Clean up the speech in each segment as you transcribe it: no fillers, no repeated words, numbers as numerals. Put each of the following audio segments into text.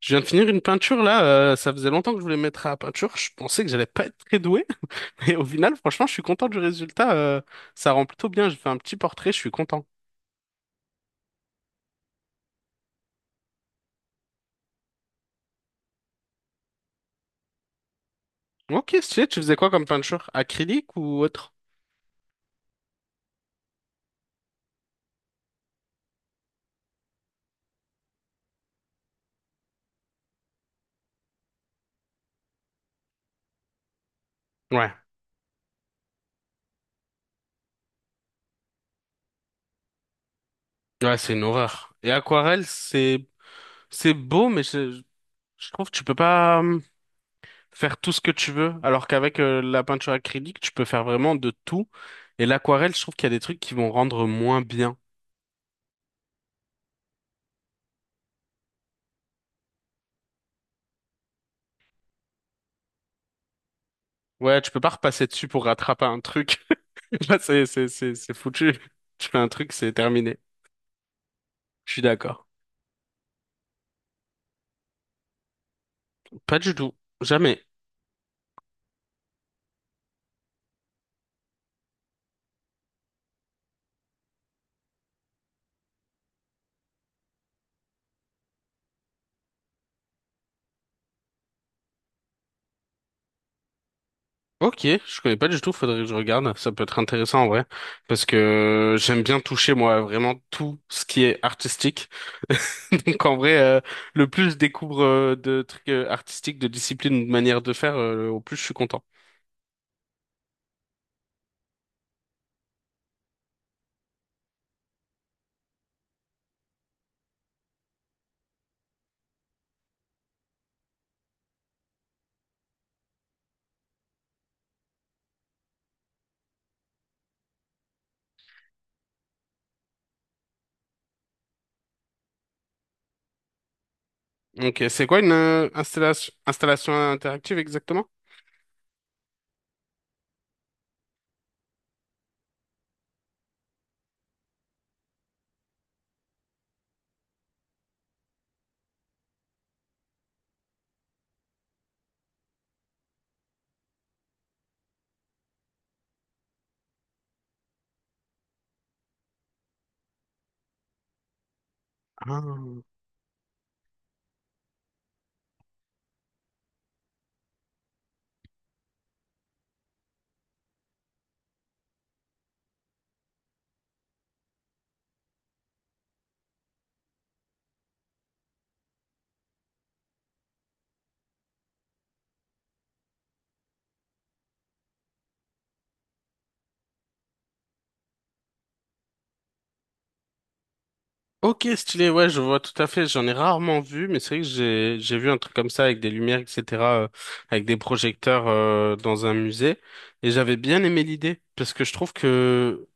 Je viens de finir une peinture là, ça faisait longtemps que je voulais me mettre à la peinture, je pensais que j'allais pas être très doué, mais au final franchement je suis content du résultat, ça rend plutôt bien, j'ai fait un petit portrait, je suis content. Ok, stylé, tu faisais quoi comme peinture? Acrylique ou autre? Ouais, ouais c'est une horreur. Et aquarelle c'est beau mais je trouve que tu peux pas faire tout ce que tu veux, alors qu'avec la peinture acrylique tu peux faire vraiment de tout, et l'aquarelle je trouve qu'il y a des trucs qui vont rendre moins bien. Ouais, tu peux pas repasser dessus pour rattraper un truc. Là, c'est foutu. Tu fais un truc, c'est terminé. Je suis d'accord. Pas du tout. Jamais. Ok, je connais pas du tout, faudrait que je regarde. Ça peut être intéressant en vrai. Parce que j'aime bien toucher, moi, vraiment tout ce qui est artistique. Donc en vrai, le plus je découvre de trucs artistiques, de disciplines, ou de manières de faire, au plus je suis content. Ok, c'est quoi une installation interactive exactement? Ah. Ok, stylé, ouais, je vois tout à fait. J'en ai rarement vu, mais c'est vrai que j'ai vu un truc comme ça avec des lumières, etc., euh, avec des projecteurs dans un musée, et j'avais bien aimé l'idée parce que je trouve que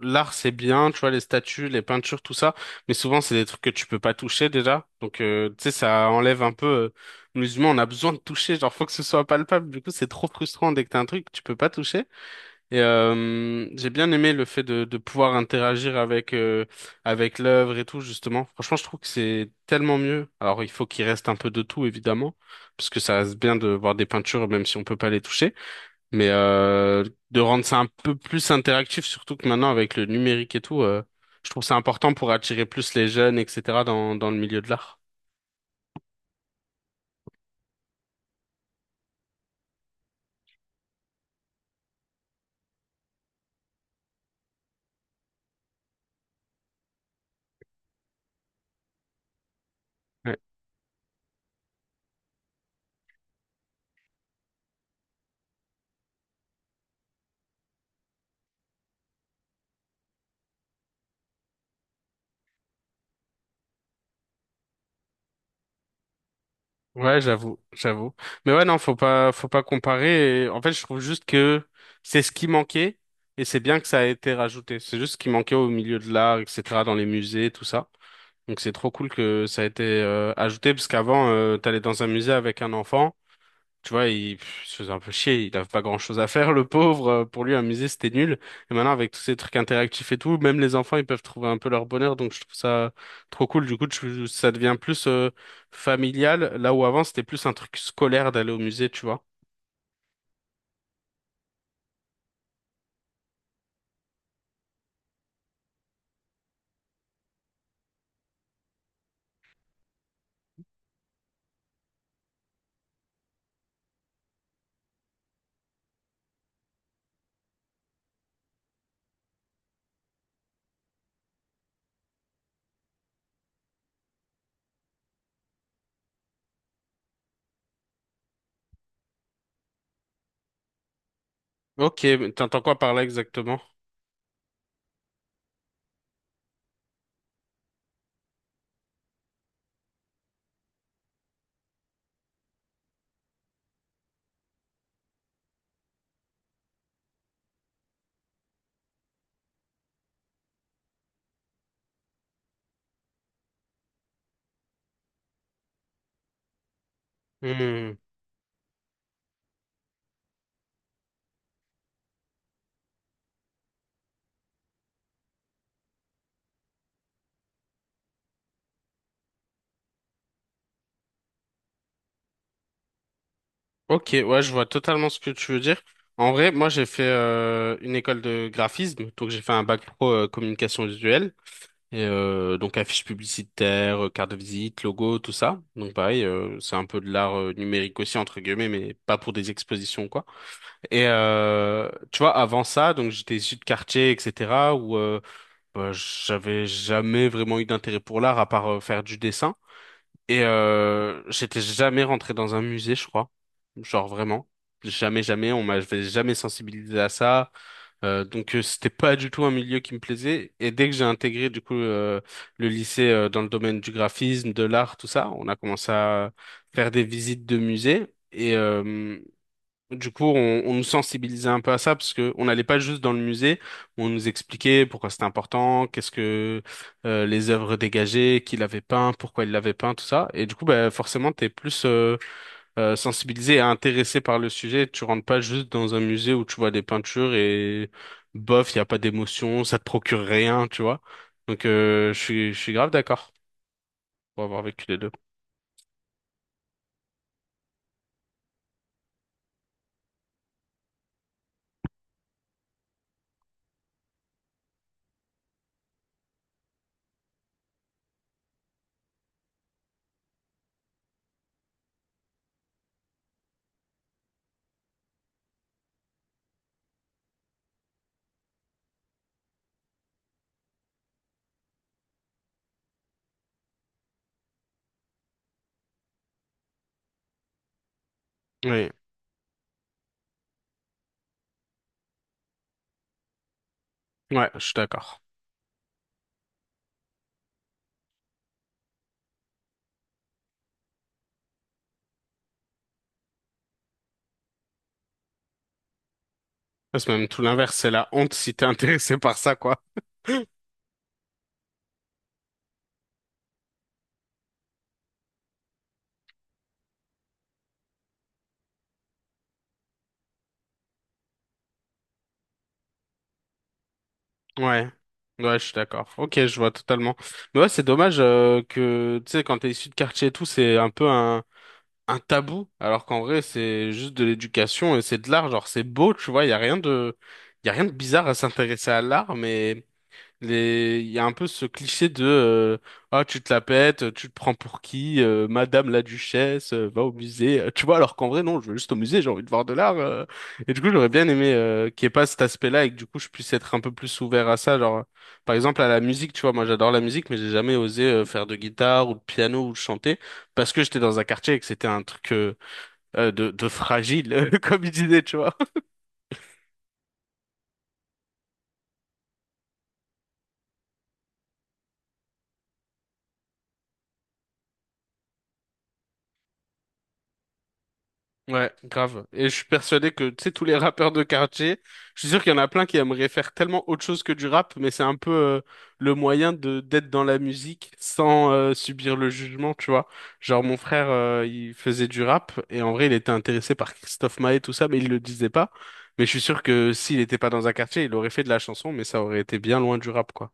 l'art c'est bien, tu vois, les statues, les peintures, tout ça, mais souvent c'est des trucs que tu peux pas toucher déjà, donc tu sais ça enlève un peu. Euh, nous on a besoin de toucher, genre faut que ce soit palpable. Du coup, c'est trop frustrant dès que t'as un truc que tu peux pas toucher. Et j'ai bien aimé le fait de pouvoir interagir avec avec l'œuvre et tout justement. Franchement, je trouve que c'est tellement mieux. Alors, il faut qu'il reste un peu de tout évidemment, parce que ça reste bien de voir des peintures même si on peut pas les toucher. Mais de rendre ça un peu plus interactif, surtout que maintenant avec le numérique et tout, je trouve ça important pour attirer plus les jeunes, etc. dans le milieu de l'art. Ouais, ouais, j'avoue, j'avoue. Mais ouais, non, faut pas comparer. Et en fait, je trouve juste que c'est ce qui manquait et c'est bien que ça a été rajouté. C'est juste ce qui manquait au milieu de l'art, etc., dans les musées, tout ça. Donc c'est trop cool que ça a été ajouté parce qu'avant, t'allais dans un musée avec un enfant. Tu vois, il pff, il se faisait un peu chier, il avait pas grand-chose à faire, le pauvre. Pour lui, un musée, c'était nul. Et maintenant, avec tous ces trucs interactifs et tout, même les enfants, ils peuvent trouver un peu leur bonheur. Donc, je trouve ça trop cool. Du coup, ça devient plus familial, là où avant, c'était plus un truc scolaire d'aller au musée, tu vois. Ok, mais t'entends quoi par là exactement? Hmm. Ok, ouais, je vois totalement ce que tu veux dire. En vrai, moi, j'ai fait une école de graphisme, donc j'ai fait un bac pro communication visuelle. Et donc affiches publicitaires, cartes de visite, logos, tout ça. Donc pareil, c'est un peu de l'art numérique aussi entre guillemets, mais pas pour des expositions quoi. Et tu vois, avant ça, donc j'étais issu de quartier, etc. où bah, j'avais jamais vraiment eu d'intérêt pour l'art à part faire du dessin. Et j'étais jamais rentré dans un musée, je crois. Genre vraiment. Jamais, jamais. On m'avait jamais sensibilisé à ça. Donc c'était pas du tout un milieu qui me plaisait. Et dès que j'ai intégré du coup le lycée dans le domaine du graphisme, de l'art, tout ça, on a commencé à faire des visites de musées. Et, du coup, on nous sensibilisait un peu à ça parce que on n'allait pas juste dans le musée, on nous expliquait pourquoi c'était important, qu'est-ce que les œuvres dégagées, qui l'avait peint, pourquoi il l'avait peint, tout ça. Et du coup, bah, forcément, t'es plus sensibilisé et intéressé par le sujet. Tu rentres pas juste dans un musée où tu vois des peintures et bof, il y a pas d'émotion, ça te procure rien, tu vois. Donc, je suis grave d'accord pour avoir vécu les deux. Oui, ouais, je suis d'accord. C'est même tout l'inverse, c'est la honte si t'es intéressé par ça, quoi. Ouais, ouais, je suis d'accord. Ok, je vois totalement. Mais ouais, c'est dommage que, tu sais, quand t'es issu de quartier et tout, c'est un peu un tabou, alors qu'en vrai, c'est juste de l'éducation et c'est de l'art. Genre, c'est beau, tu vois, il y a rien de, y a rien de bizarre à s'intéresser à l'art, mais les... Il y a un peu ce cliché de ah tu te la pètes, tu te prends pour qui, Madame la Duchesse, va au musée. Tu vois, alors qu'en vrai non, je veux juste au musée, j'ai envie de voir de l'art. Euh, et du coup j'aurais bien aimé qu'il n'y ait pas cet aspect-là et que du coup je puisse être un peu plus ouvert à ça. Genre par exemple à la musique, tu vois, moi j'adore la musique, mais j'ai jamais osé faire de guitare ou de piano ou de chanter parce que j'étais dans un quartier et que c'était un truc de fragile, comme il disait, tu vois. Ouais, grave. Et je suis persuadé que, tu sais, tous les rappeurs de quartier, je suis sûr qu'il y en a plein qui aimeraient faire tellement autre chose que du rap, mais c'est un peu le moyen de d'être dans la musique sans subir le jugement, tu vois. Genre, mon frère, il faisait du rap, et en vrai, il était intéressé par Christophe Maé, tout ça, mais il le disait pas. Mais je suis sûr que s'il n'était pas dans un quartier, il aurait fait de la chanson, mais ça aurait été bien loin du rap, quoi.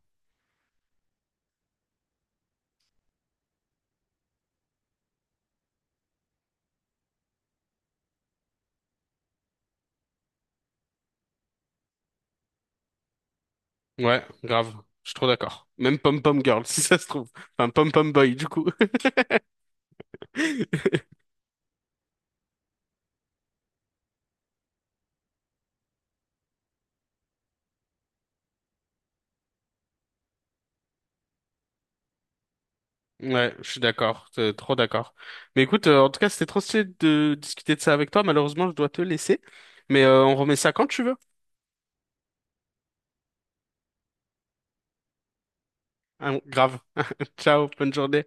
Ouais, grave. Je suis trop d'accord. Même Pom Pom Girl, si ça se trouve. Enfin, Pom Pom Boy, du coup. Ouais, je suis d'accord, trop d'accord. Mais écoute, en tout cas, c'était trop stylé de discuter de ça avec toi. Malheureusement, je dois te laisser. Mais on remet ça quand tu veux. Ah, grave. Ciao, bonne journée.